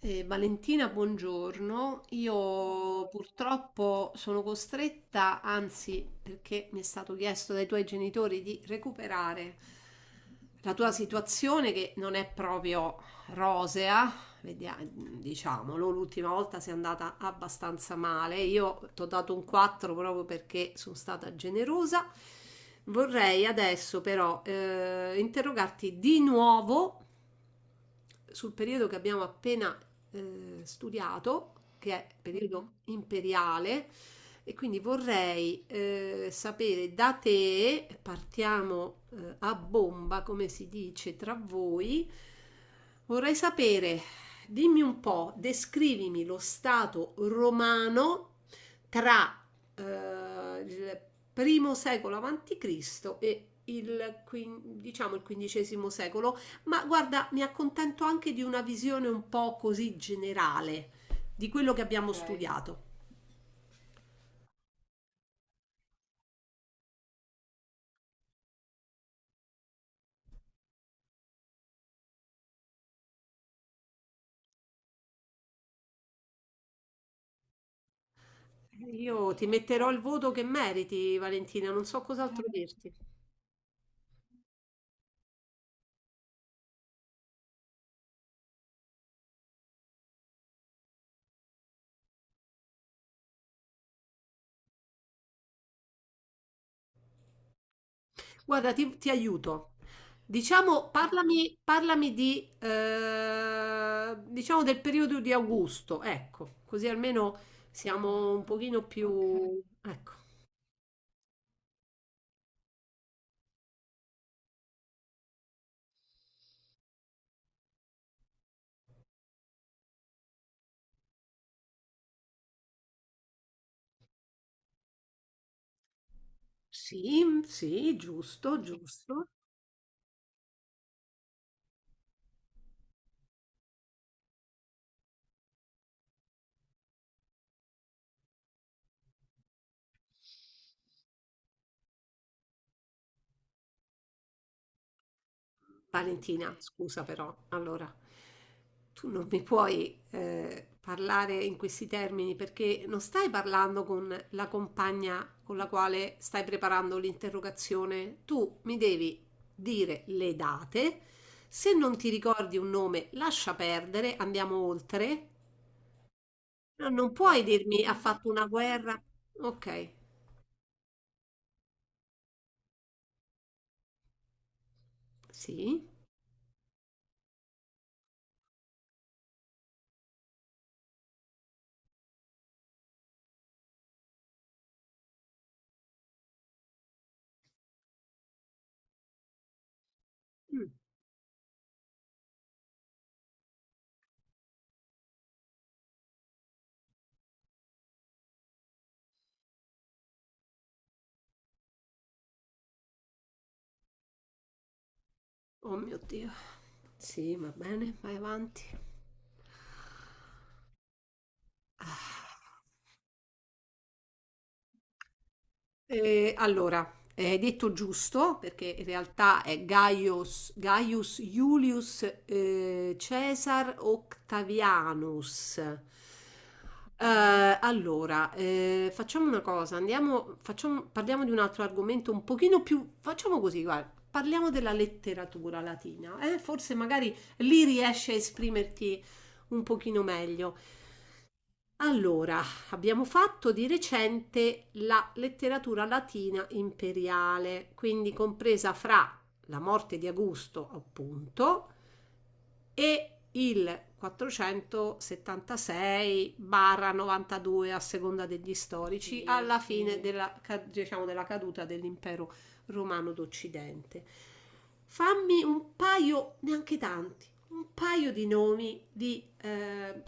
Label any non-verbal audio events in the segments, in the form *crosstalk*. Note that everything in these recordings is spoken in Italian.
Valentina, buongiorno. Io purtroppo sono costretta, anzi, perché mi è stato chiesto dai tuoi genitori di recuperare la tua situazione che non è proprio rosea, diciamolo, l'ultima volta sei andata abbastanza male. Io ti ho dato un 4 proprio perché sono stata generosa. Vorrei adesso però interrogarti di nuovo sul periodo che abbiamo appena studiato, che è periodo imperiale, e quindi vorrei sapere da te, partiamo a bomba, come si dice tra voi, vorrei sapere, dimmi un po', descrivimi lo stato romano tra il primo secolo avanti Cristo e il, diciamo, il quindicesimo secolo. Ma guarda, mi accontento anche di una visione un po' così generale di quello che abbiamo, okay, studiato. Io ti metterò il voto che meriti, Valentina, non so cos'altro dirti. Guarda, ti aiuto. Diciamo, parlami di, diciamo del periodo di Augusto, ecco, così almeno siamo un pochino, ok, più... Ecco, sì, sì, giusto, giusto. Valentina, scusa però, allora, tu non mi puoi parlare in questi termini perché non stai parlando con la compagna con la quale stai preparando l'interrogazione. Tu mi devi dire le date. Se non ti ricordi un nome, lascia perdere, andiamo oltre. No, non puoi dirmi ha fatto una guerra. Ok, sì. Mm. Oh mio Dio. Sì, va bene, vai avanti. Ah. Allora, hai detto giusto, perché in realtà è Gaius, Gaius Julius Caesar Octavianus. Allora, facciamo una cosa, andiamo, parliamo di un altro argomento un pochino più... Facciamo così, guarda, parliamo della letteratura latina, eh? Forse magari lì riesci a esprimerti un pochino meglio. Allora, abbiamo fatto di recente la letteratura latina imperiale, quindi compresa fra la morte di Augusto, appunto, e il 476-92 a seconda degli storici alla fine, sì, diciamo, della caduta dell'impero romano d'Occidente. Fammi un paio, neanche tanti, un paio di nomi di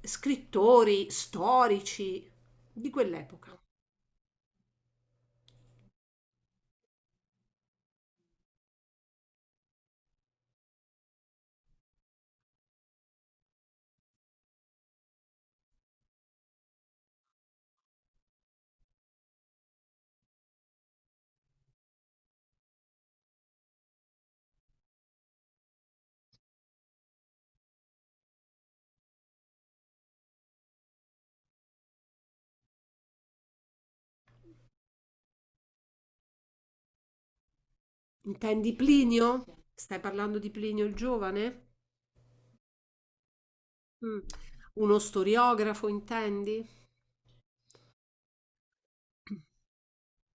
scrittori, storici di quell'epoca. Intendi Plinio? Stai parlando di Plinio il giovane? Mm. Uno storiografo, intendi?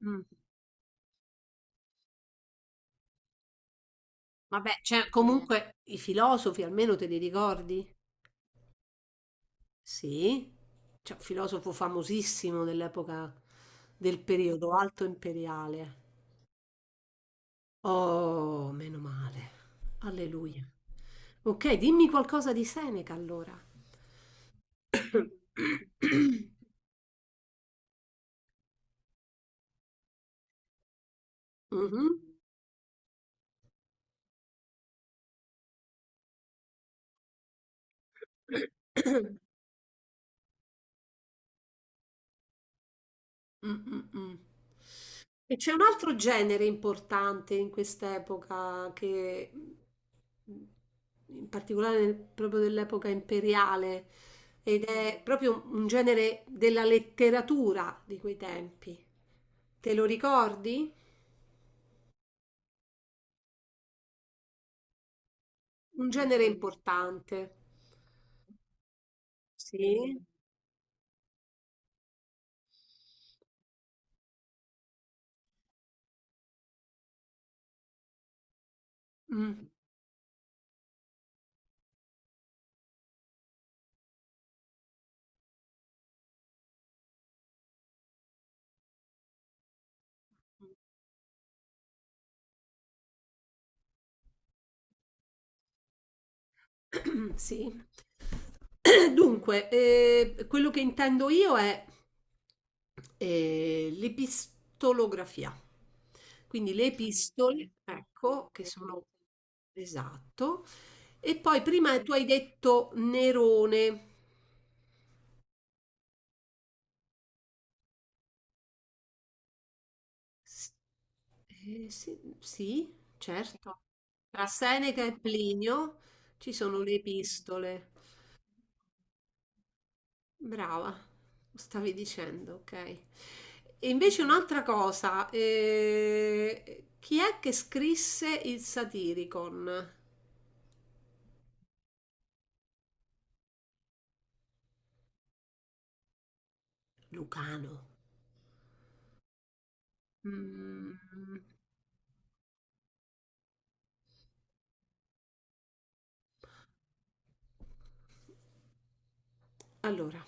Mm. Vabbè, cioè, eh, comunque i filosofi almeno te li ricordi? Sì, c'è un filosofo famosissimo dell'epoca del periodo alto imperiale. Oh, meno male. Alleluia. Ok, dimmi qualcosa di Seneca allora. *clears throat* Mhm. *clears throat* Mm, mm, mm. *clears throat* E c'è un altro genere importante in quest'epoca che, in particolare proprio dell'epoca imperiale, ed è proprio un genere della letteratura di quei tempi. Te lo ricordi? Un genere importante. Sì. Mm. *clears throat* *coughs* Sì. *coughs* Dunque, quello che intendo io è l'epistolografia. Quindi le epistole, ecco, che sono, esatto. E poi prima tu hai detto Nerone. S- sì, sì, certo. Tra Seneca e Plinio ci sono le epistole. Brava, stavi dicendo, ok. E invece un'altra cosa, chi è che scrisse il Satiricon? Lucano. Mm, allora,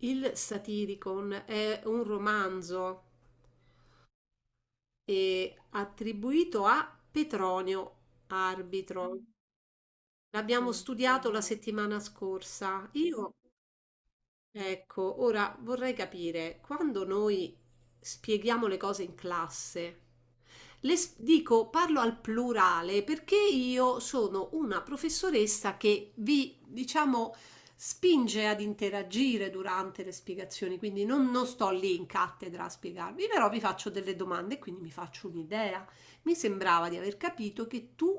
il Satiricon è un romanzo attribuito a Petronio Arbitro. L'abbiamo studiato la settimana scorsa. Io, ecco, ora vorrei capire, quando noi spieghiamo le cose in classe, dico, parlo al plurale perché io sono una professoressa che vi, diciamo, spinge ad interagire durante le spiegazioni, quindi non, non sto lì in cattedra a spiegarvi, però vi faccio delle domande e quindi mi faccio un'idea. Mi sembrava di aver capito che tu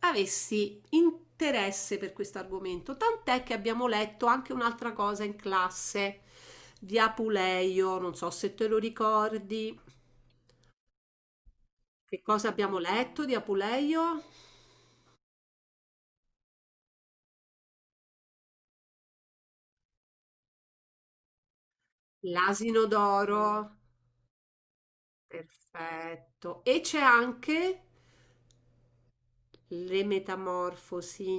avessi interesse per questo argomento, tant'è che abbiamo letto anche un'altra cosa in classe di Apuleio, non so se te lo ricordi. Che cosa abbiamo letto di Apuleio? L'asino d'oro, perfetto. E c'è anche le metamorfosi.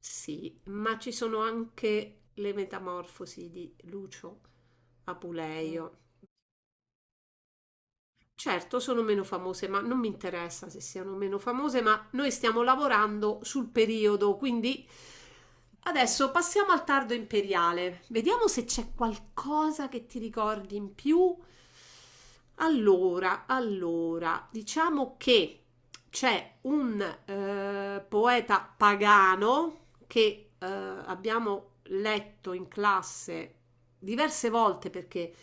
Sì, ma ci sono anche le metamorfosi di Lucio, mm, Apuleio. Certo, sono meno famose, ma non mi interessa se siano meno famose, ma noi stiamo lavorando sul periodo, quindi adesso passiamo al tardo imperiale. Vediamo se c'è qualcosa che ti ricordi in più. Allora, allora, diciamo che c'è un poeta pagano che abbiamo letto in classe diverse volte perché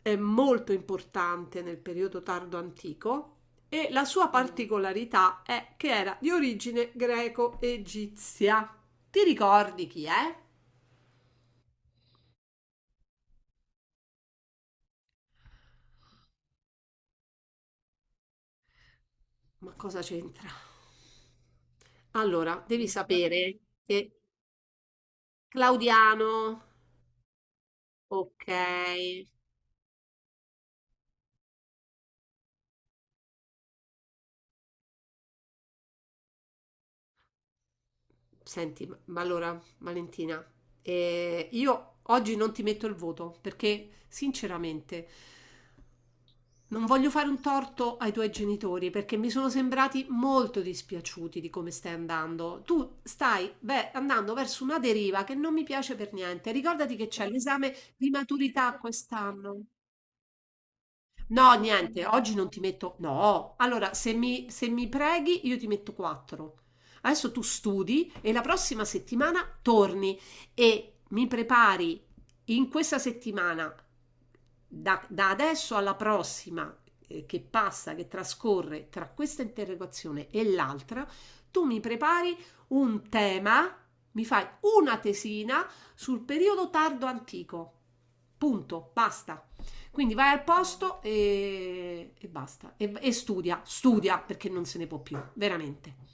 è molto importante nel periodo tardo antico e la sua particolarità è che era di origine greco-egizia. Ti ricordi chi è? Ma cosa c'entra? Allora, devi sapere che Claudiano, ok. Senti, ma allora, Valentina, io oggi non ti metto il voto perché, sinceramente, non voglio fare un torto ai tuoi genitori perché mi sono sembrati molto dispiaciuti di come stai andando. Tu stai, beh, andando verso una deriva che non mi piace per niente. Ricordati che c'è l'esame di maturità quest'anno. No, niente, oggi non ti metto. No, allora se mi preghi io ti metto 4. Adesso tu studi e la prossima settimana torni e mi prepari in questa settimana, da adesso alla prossima che passa, che trascorre tra questa interrogazione e l'altra, tu mi prepari un tema, mi fai una tesina sul periodo tardo antico. Punto, basta. Quindi vai al posto e basta. E studia, studia perché non se ne può più, veramente.